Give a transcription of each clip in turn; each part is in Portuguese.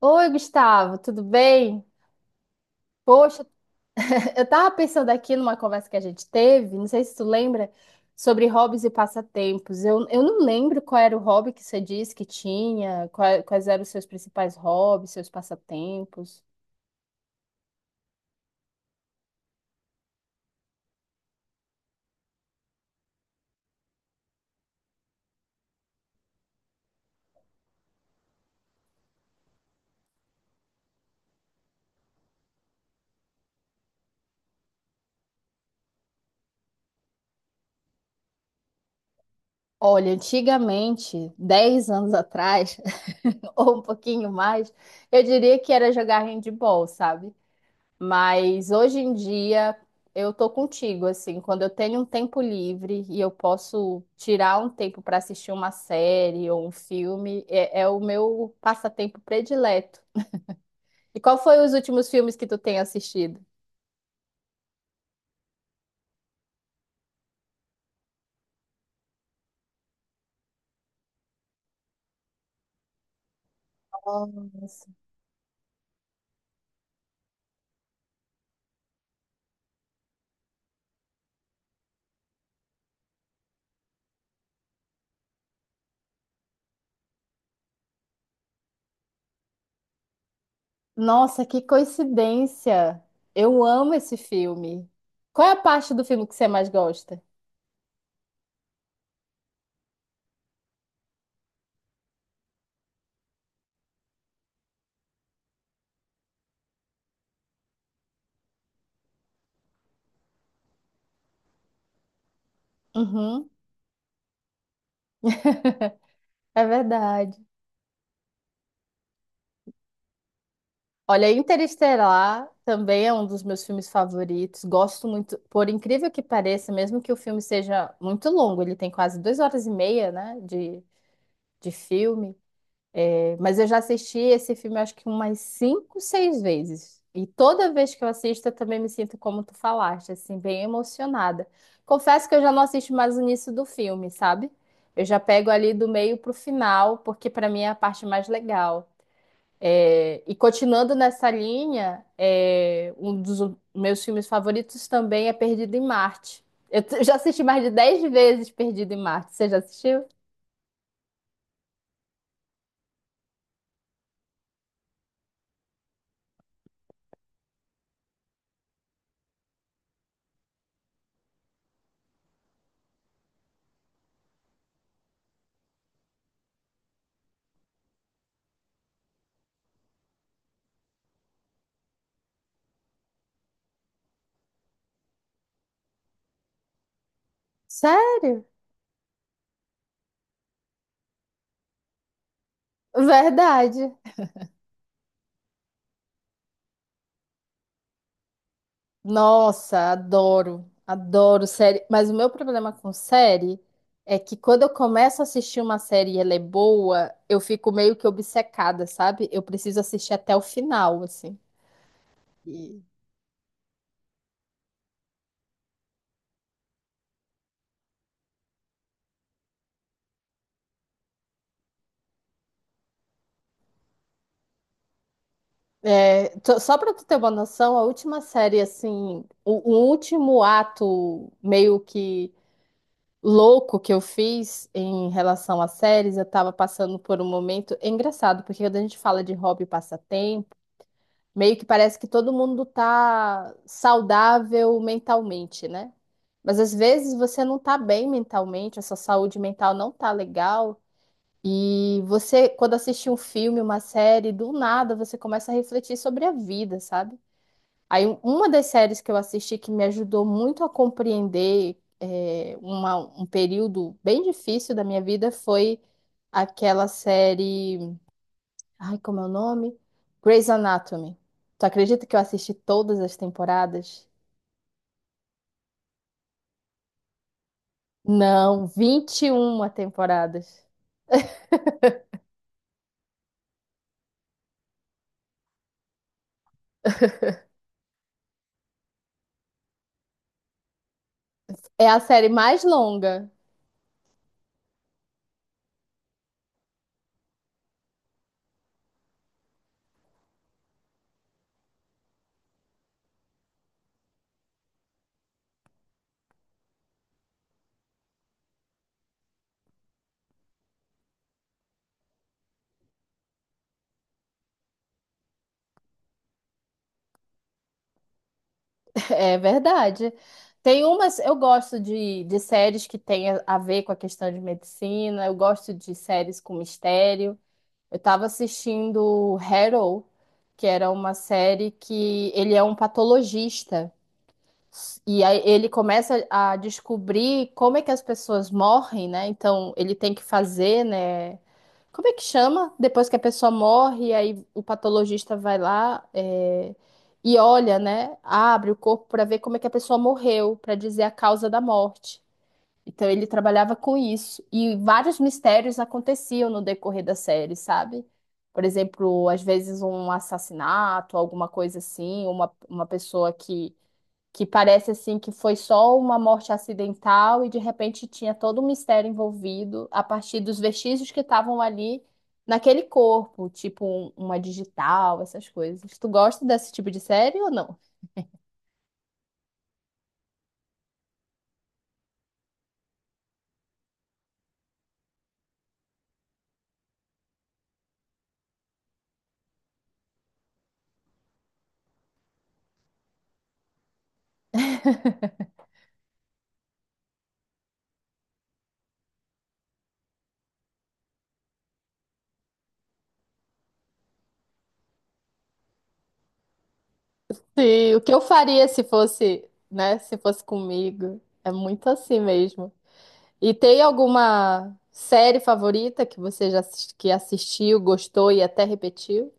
Oi, Gustavo, tudo bem? Poxa, eu tava pensando aqui numa conversa que a gente teve, não sei se tu lembra, sobre hobbies e passatempos. Eu não lembro qual era o hobby que você disse que tinha, quais eram os seus principais hobbies, seus passatempos. Olha, antigamente, 10 anos atrás, ou um pouquinho mais, eu diria que era jogar handball, sabe? Mas hoje em dia eu tô contigo, assim, quando eu tenho um tempo livre e eu posso tirar um tempo para assistir uma série ou um filme, é o meu passatempo predileto. E qual foi os últimos filmes que tu tem assistido? Nossa. Nossa, que coincidência! Eu amo esse filme. Qual é a parte do filme que você mais gosta? Uhum, é verdade. Olha, Interestelar também é um dos meus filmes favoritos. Gosto muito, por incrível que pareça, mesmo que o filme seja muito longo, ele tem quase 2 horas e meia, né, de filme. É, mas eu já assisti esse filme acho que umas 5, 6 vezes. E toda vez que eu assisto, eu também me sinto como tu falaste, assim, bem emocionada. Confesso que eu já não assisto mais o início do filme, sabe? Eu já pego ali do meio pro final, porque para mim é a parte mais legal. E continuando nessa linha, um dos meus filmes favoritos também é Perdido em Marte. Já assisti mais de 10 vezes Perdido em Marte. Você já assistiu? Sério? Verdade. Nossa, adoro. Adoro série. Mas o meu problema com série é que quando eu começo a assistir uma série e ela é boa, eu fico meio que obcecada, sabe? Eu preciso assistir até o final, assim. Só para tu ter uma noção, a última série, assim, o último ato meio que louco que eu fiz em relação a séries, eu tava passando por um momento é engraçado, porque quando a gente fala de hobby e passatempo, meio que parece que todo mundo tá saudável mentalmente, né? Mas às vezes você não tá bem mentalmente, a sua saúde mental não tá legal. E você, quando assiste um filme, uma série, do nada você começa a refletir sobre a vida, sabe? Uma das séries que eu assisti que me ajudou muito a compreender um período bem difícil da minha vida foi aquela série, ai, como é o nome? Grey's Anatomy. Tu acredita que eu assisti todas as temporadas? Não, 21 temporadas. É a série mais longa, é verdade. Tem umas, eu gosto de séries que têm a ver com a questão de medicina, eu gosto de séries com mistério. Eu tava assistindo Harrow, que era uma série que ele é um patologista. E aí ele começa a descobrir como é que as pessoas morrem, né? Então ele tem que fazer, né? Como é que chama? Depois que a pessoa morre, aí o patologista vai lá, e olha, né? Abre o corpo para ver como é que a pessoa morreu, para dizer a causa da morte. Então ele trabalhava com isso. E vários mistérios aconteciam no decorrer da série, sabe? Por exemplo, às vezes um assassinato, alguma coisa assim, uma pessoa que parece assim que foi só uma morte acidental e de repente tinha todo um mistério envolvido a partir dos vestígios que estavam ali naquele corpo, tipo uma digital, essas coisas. Tu gosta desse tipo de série ou não? Sim, o que eu faria se fosse, né, se fosse comigo? É muito assim mesmo. E tem alguma série favorita que você já que assistiu, gostou e até repetiu?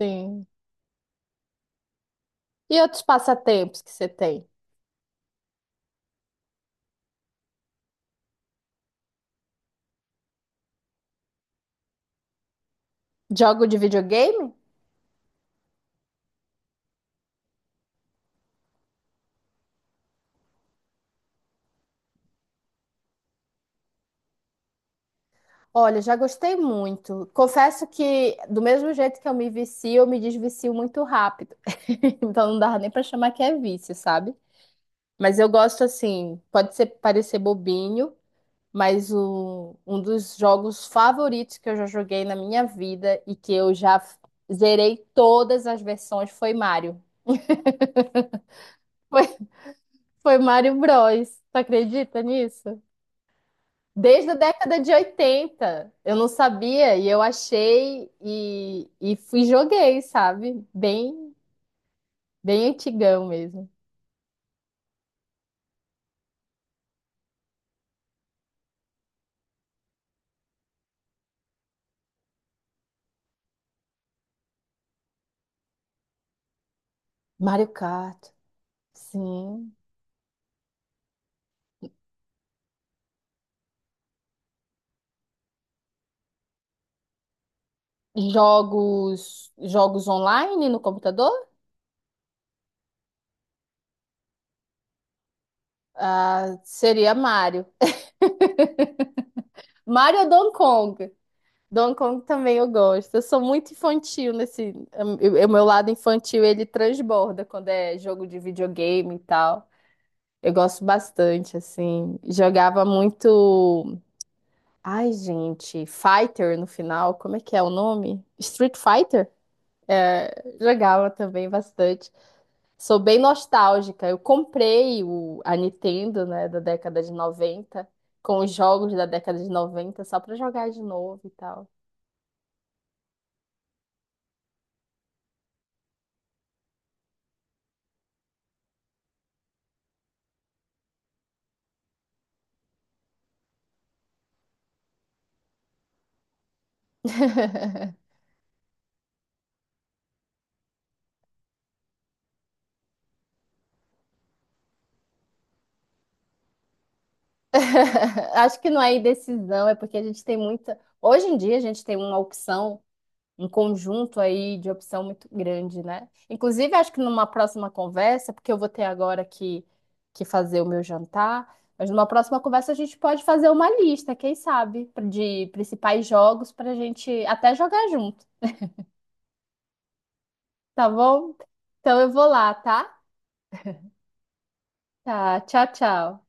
Sim. E outros passatempos que você tem? Jogo de videogame? Olha, já gostei muito. Confesso que do mesmo jeito que eu me vicio, eu me desvicio muito rápido. Então não dava nem pra chamar que é vício, sabe? Mas eu gosto assim, pode ser parecer bobinho, mas um dos jogos favoritos que eu já joguei na minha vida e que eu já zerei todas as versões foi Mario. Foi, foi Mario Bros. Tu acredita nisso? Desde a década de 80 eu não sabia e eu achei e fui e joguei, sabe? Bem, bem antigão mesmo. Mario Kart, sim. Jogos, jogos online no computador? Ah, seria Mario. Mario ou Donkey Kong. Donkey Kong também eu gosto. Eu sou muito infantil nesse. O meu lado infantil ele transborda quando é jogo de videogame e tal. Eu gosto bastante, assim. Jogava muito. Ai, gente, Fighter no final, como é que é o nome? Street Fighter? É, jogava também bastante. Sou bem nostálgica. Eu comprei a Nintendo, né, da década de 90 com os jogos da década de 90 só pra jogar de novo e tal. Acho que não é indecisão, é porque a gente tem muita. Hoje em dia a gente tem uma opção, um conjunto aí de opção muito grande, né? Inclusive, acho que numa próxima conversa, porque eu vou ter agora que fazer o meu jantar, mas numa próxima conversa a gente pode fazer uma lista, quem sabe, de principais jogos para a gente até jogar junto, tá bom? Então eu vou lá, tá? Tá, tchau, tchau.